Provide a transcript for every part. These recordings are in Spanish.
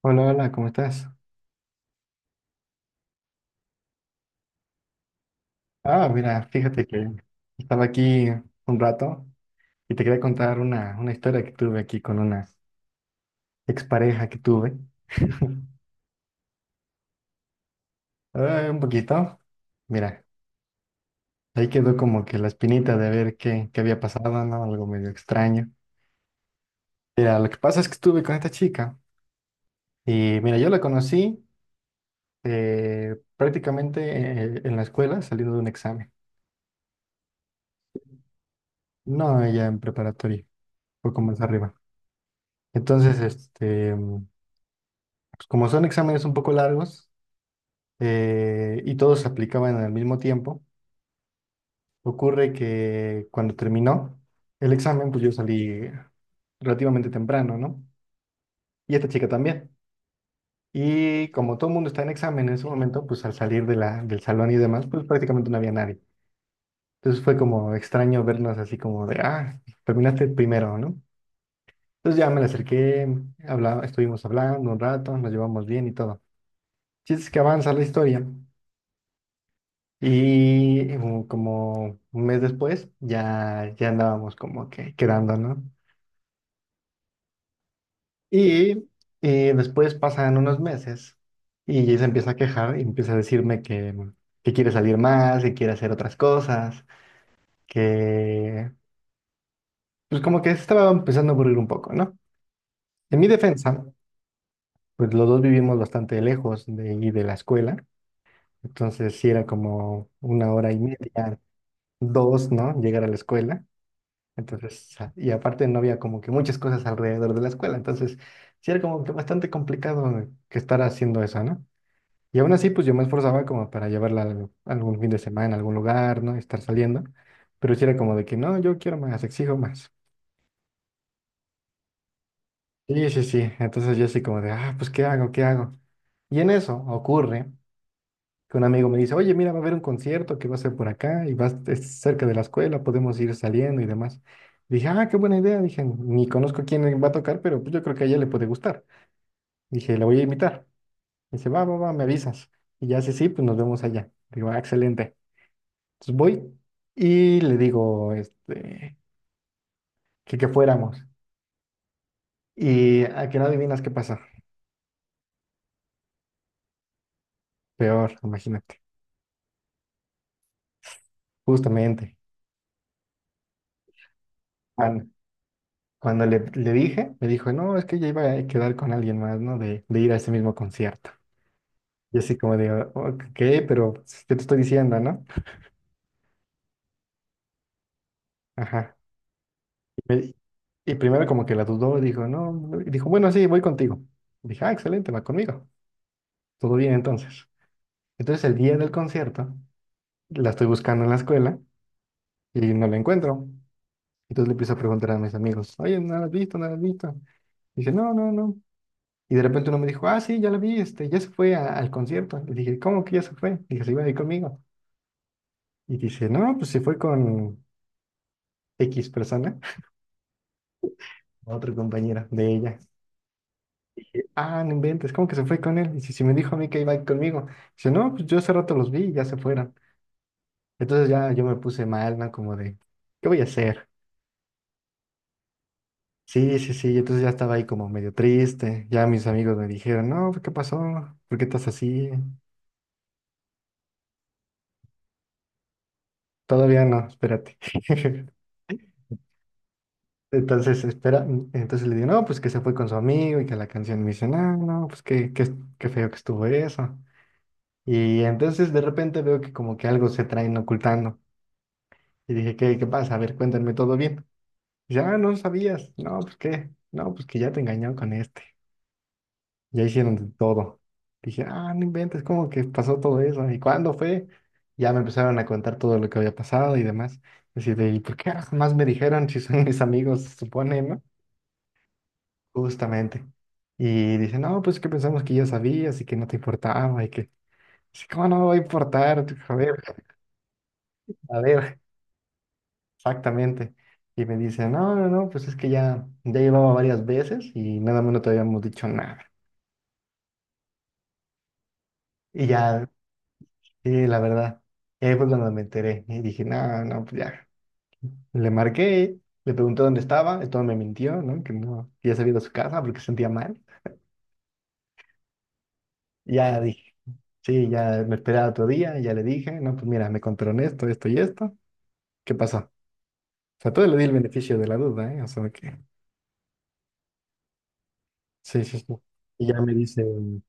Hola, hola, ¿cómo estás? Ah, mira, fíjate que estaba aquí un rato y te quería contar una historia que tuve aquí con una expareja que tuve. Ah, un poquito, mira, ahí quedó como que la espinita de ver qué había pasado, ¿no? Algo medio extraño. Mira, lo que pasa es que estuve con esta chica y mira, yo la conocí prácticamente en la escuela saliendo de un examen. No, ella en preparatoria, un poco más arriba. Entonces, pues, como son exámenes un poco largos y todos se aplicaban al mismo tiempo, ocurre que cuando terminó el examen, pues yo salí relativamente temprano, ¿no? Y esta chica también. Y como todo el mundo está en examen en ese momento, pues al salir de la, del salón y demás, pues prácticamente no había nadie. Entonces fue como extraño vernos así como de, ah, terminaste primero, ¿no? Entonces ya me la acerqué, estuvimos hablando un rato, nos llevamos bien y todo. Chiste es que avanza la historia. Como un mes después ya, andábamos como que quedando, ¿no? Y, y después pasan unos meses y ella se empieza a quejar y empieza a decirme que quiere salir más, que quiere hacer otras cosas, que pues como que se estaba empezando a aburrir un poco, ¿no? En mi defensa, pues los dos vivimos bastante lejos de ahí de la escuela, entonces sí era como una hora y media, dos, ¿no? Llegar a la escuela. Entonces, y aparte no había como que muchas cosas alrededor de la escuela, entonces sí era como que bastante complicado que estar haciendo eso, ¿no? Y aún así, pues yo me esforzaba como para llevarla algún fin de semana, a algún lugar, ¿no? Estar saliendo, pero sí era como de que no, yo quiero más, exijo más. Sí, sí, sí, entonces yo así como de, ah, pues ¿qué hago? ¿Qué hago? Y en eso ocurre que un amigo me dice, oye, mira, va a haber un concierto que va a ser por acá y es cerca de la escuela, podemos ir saliendo y demás. Dije, ah, qué buena idea. Dije, ni conozco quién va a tocar, pero pues yo creo que a ella le puede gustar. Dije, la voy a invitar. Dice, va, va, va, me avisas. Y ya, sí, sí, pues nos vemos allá. Digo, ah, excelente. Entonces voy y le digo, este, que fuéramos. Y a que no adivinas qué pasa. Peor, imagínate. Justamente. Cuando le dije, me dijo, no, es que ya iba a quedar con alguien más, ¿no? De ir a ese mismo concierto. Y así como de, "Oh, ok, pero pues, ¿qué te estoy diciendo, no? Ajá. Y, me- y primero como que la dudó, dijo, no, no", y dijo, bueno, sí, voy contigo. Dije, ah, excelente, va conmigo. Todo bien entonces. Entonces el día del concierto, la estoy buscando en la escuela y no la encuentro. Entonces le empiezo a preguntar a mis amigos, oye, ¿no la has visto? ¿No la has visto? Dice, no, no, no. Y de repente uno me dijo, ah, sí, ya la vi, este, ya se fue al concierto. Y dije, ¿cómo que ya se fue? Dije, se iba a ir conmigo. Y dice, no, pues se fue con X persona, otra compañera de ella. Dije, ah, no inventes, ¿cómo que se fue con él? Dice, si me dijo a mí que iba a ir conmigo. Dice, no, pues yo hace rato los vi y ya se fueron. Entonces ya yo me puse mal, ¿no? Como de, ¿qué voy a hacer? Sí, sí, sí. Entonces ya estaba ahí como medio triste. Ya mis amigos me dijeron, no, ¿qué pasó? ¿Por qué estás así? Todavía no, espérate. Entonces, espera, entonces le digo, no, pues que se fue con su amigo y que la canción me dice, no, no, pues que qué, qué feo que estuvo eso. Y entonces de repente veo que como que algo se traen ocultando. Y dije, ¿qué, qué pasa? A ver, cuéntame todo bien. Y ya, ah, no no sabías. No, pues qué, no, pues que ya te engañó con este. Ya hicieron de todo. Dije, ah, no inventes, ¿cómo que pasó todo eso? ¿Y cuándo fue? Ya me empezaron a contar todo lo que había pasado y demás. Así de, ¿y por qué jamás me dijeron si son mis amigos, se supone, ¿no? Justamente. Y dice, no, pues que pensamos que ya sabías y que no te importaba y que, sí, ¿cómo no me va a importar? A ver, a ver, exactamente. Y me dice, no, no, no, pues es que ya, llevaba varias veces y nada más no te habíamos dicho nada. Y ya, sí, la verdad, y ahí fue cuando me enteré y dije, no, no, pues ya. Le marqué, le pregunté dónde estaba, esto me mintió, ¿no? Que no, que ya se había ido a su casa porque se sentía mal. Y ya dije, sí, ya me esperaba otro día, y ya le dije, no, pues mira, me contaron esto, esto y esto. ¿Qué pasó? O sea, todo le di el beneficio de la duda, ¿eh? O sea, que sí, sí, sí. Y ya me dice,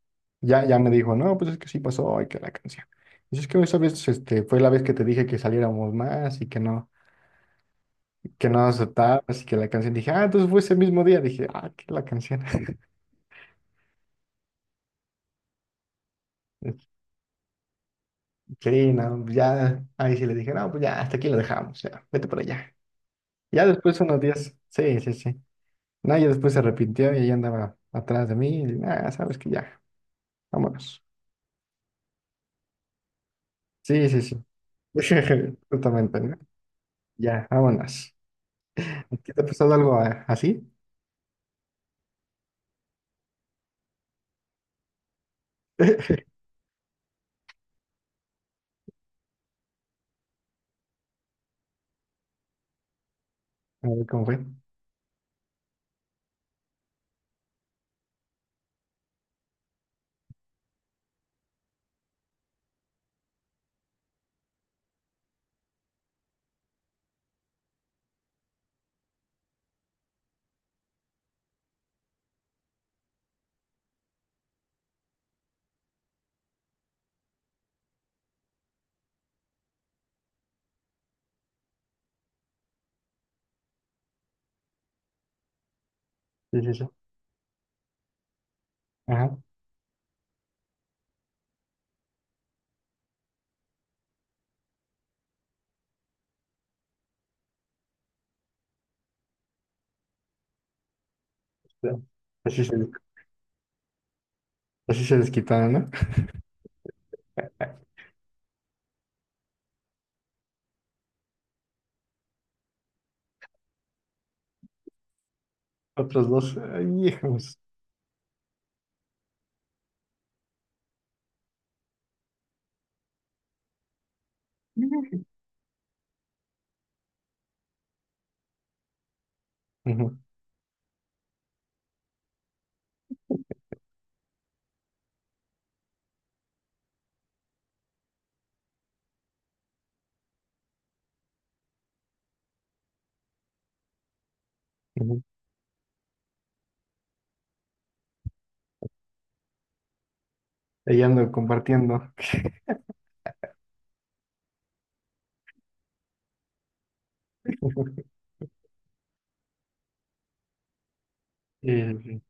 ya me dijo, no, pues es que sí pasó, ay, que la canción. Y es que esa vez, este, fue la vez que te dije que saliéramos más y que no aceptabas y que la canción. Dije, ah, entonces fue ese mismo día. Dije, ah, que la canción. Sí, no, pues ya, ahí sí le dije, no, pues ya, hasta aquí lo dejamos, ya, vete para allá. Ya después unos días, sí, sí, sí. No, ya después se arrepintió y ella andaba atrás de mí y, ah, sabes que ya, vámonos. Sí, sí, sí. Justamente, ¿no? Ya, vámonos. ¿A ti te ha pasado algo a- así? A ver cómo fue. Sí, sí, sí. Ajá. Ya. Así se, así se desquitaron, ¿no? Otros dos. Ay, hijos. Ujú, ujú. Ahí ando compartiendo. Sí.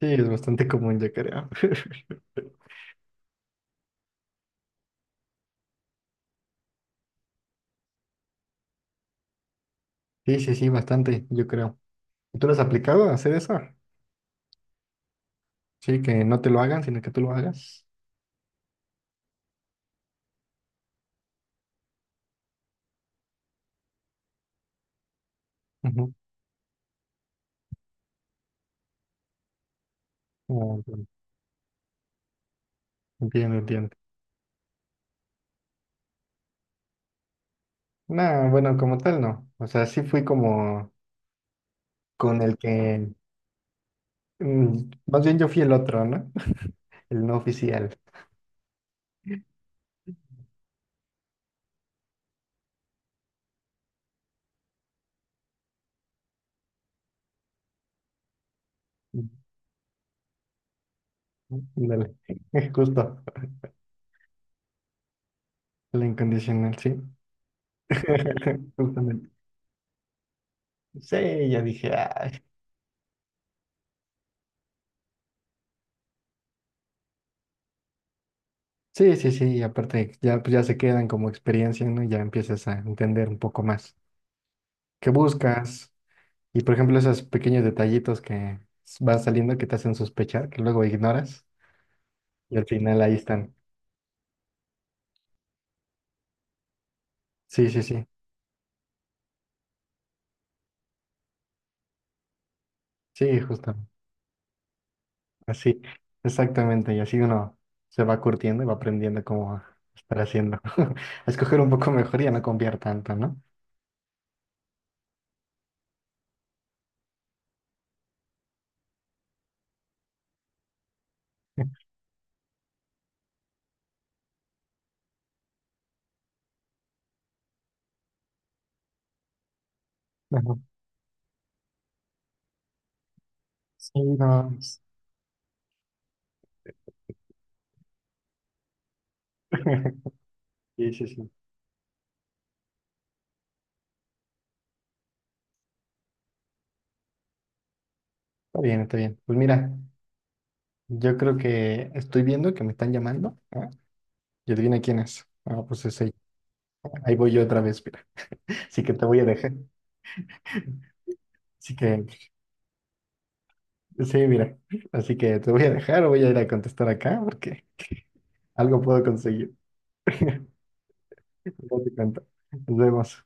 Sí, es bastante común, yo creo. Sí, sí, sí, bastante, yo creo. ¿Tú lo has aplicado a hacer eso? Sí, que no te lo hagan, sino que tú lo hagas. Ujú. Ah, ok. Entiendo, entiendo. No, bueno, como tal no. O sea, sí fui como con el que, mm, más bien yo fui el otro, ¿no? El no oficial. Ándale, justo, el incondicional, sí. Justamente. Sí, ya dije, "Ay". Sí, sí, sí, y aparte ya, pues ya se quedan como experiencia, ¿no? Ya empiezas a entender un poco más qué buscas. Y por ejemplo, esos pequeños detallitos que van saliendo que te hacen sospechar, que luego ignoras, y al final ahí están. Sí, sí, sí, sí, justo. Así, exactamente. Y así uno se va curtiendo y va aprendiendo cómo estar haciendo. A escoger un poco mejor y a no confiar tanto, ¿no? Ajá. Sí, no. Sí, sí, sí. Está bien, está bien. Pues mira, yo creo que estoy viendo que me están llamando. ¿Ah? Y adivina quién es. Ah, pues es ella. Ahí voy yo otra vez, mira. Así que te voy a dejar. Así que, sí, mira. Así que te voy a dejar o voy a ir a contestar acá porque algo puedo conseguir. Luego te cuento. Nos vemos.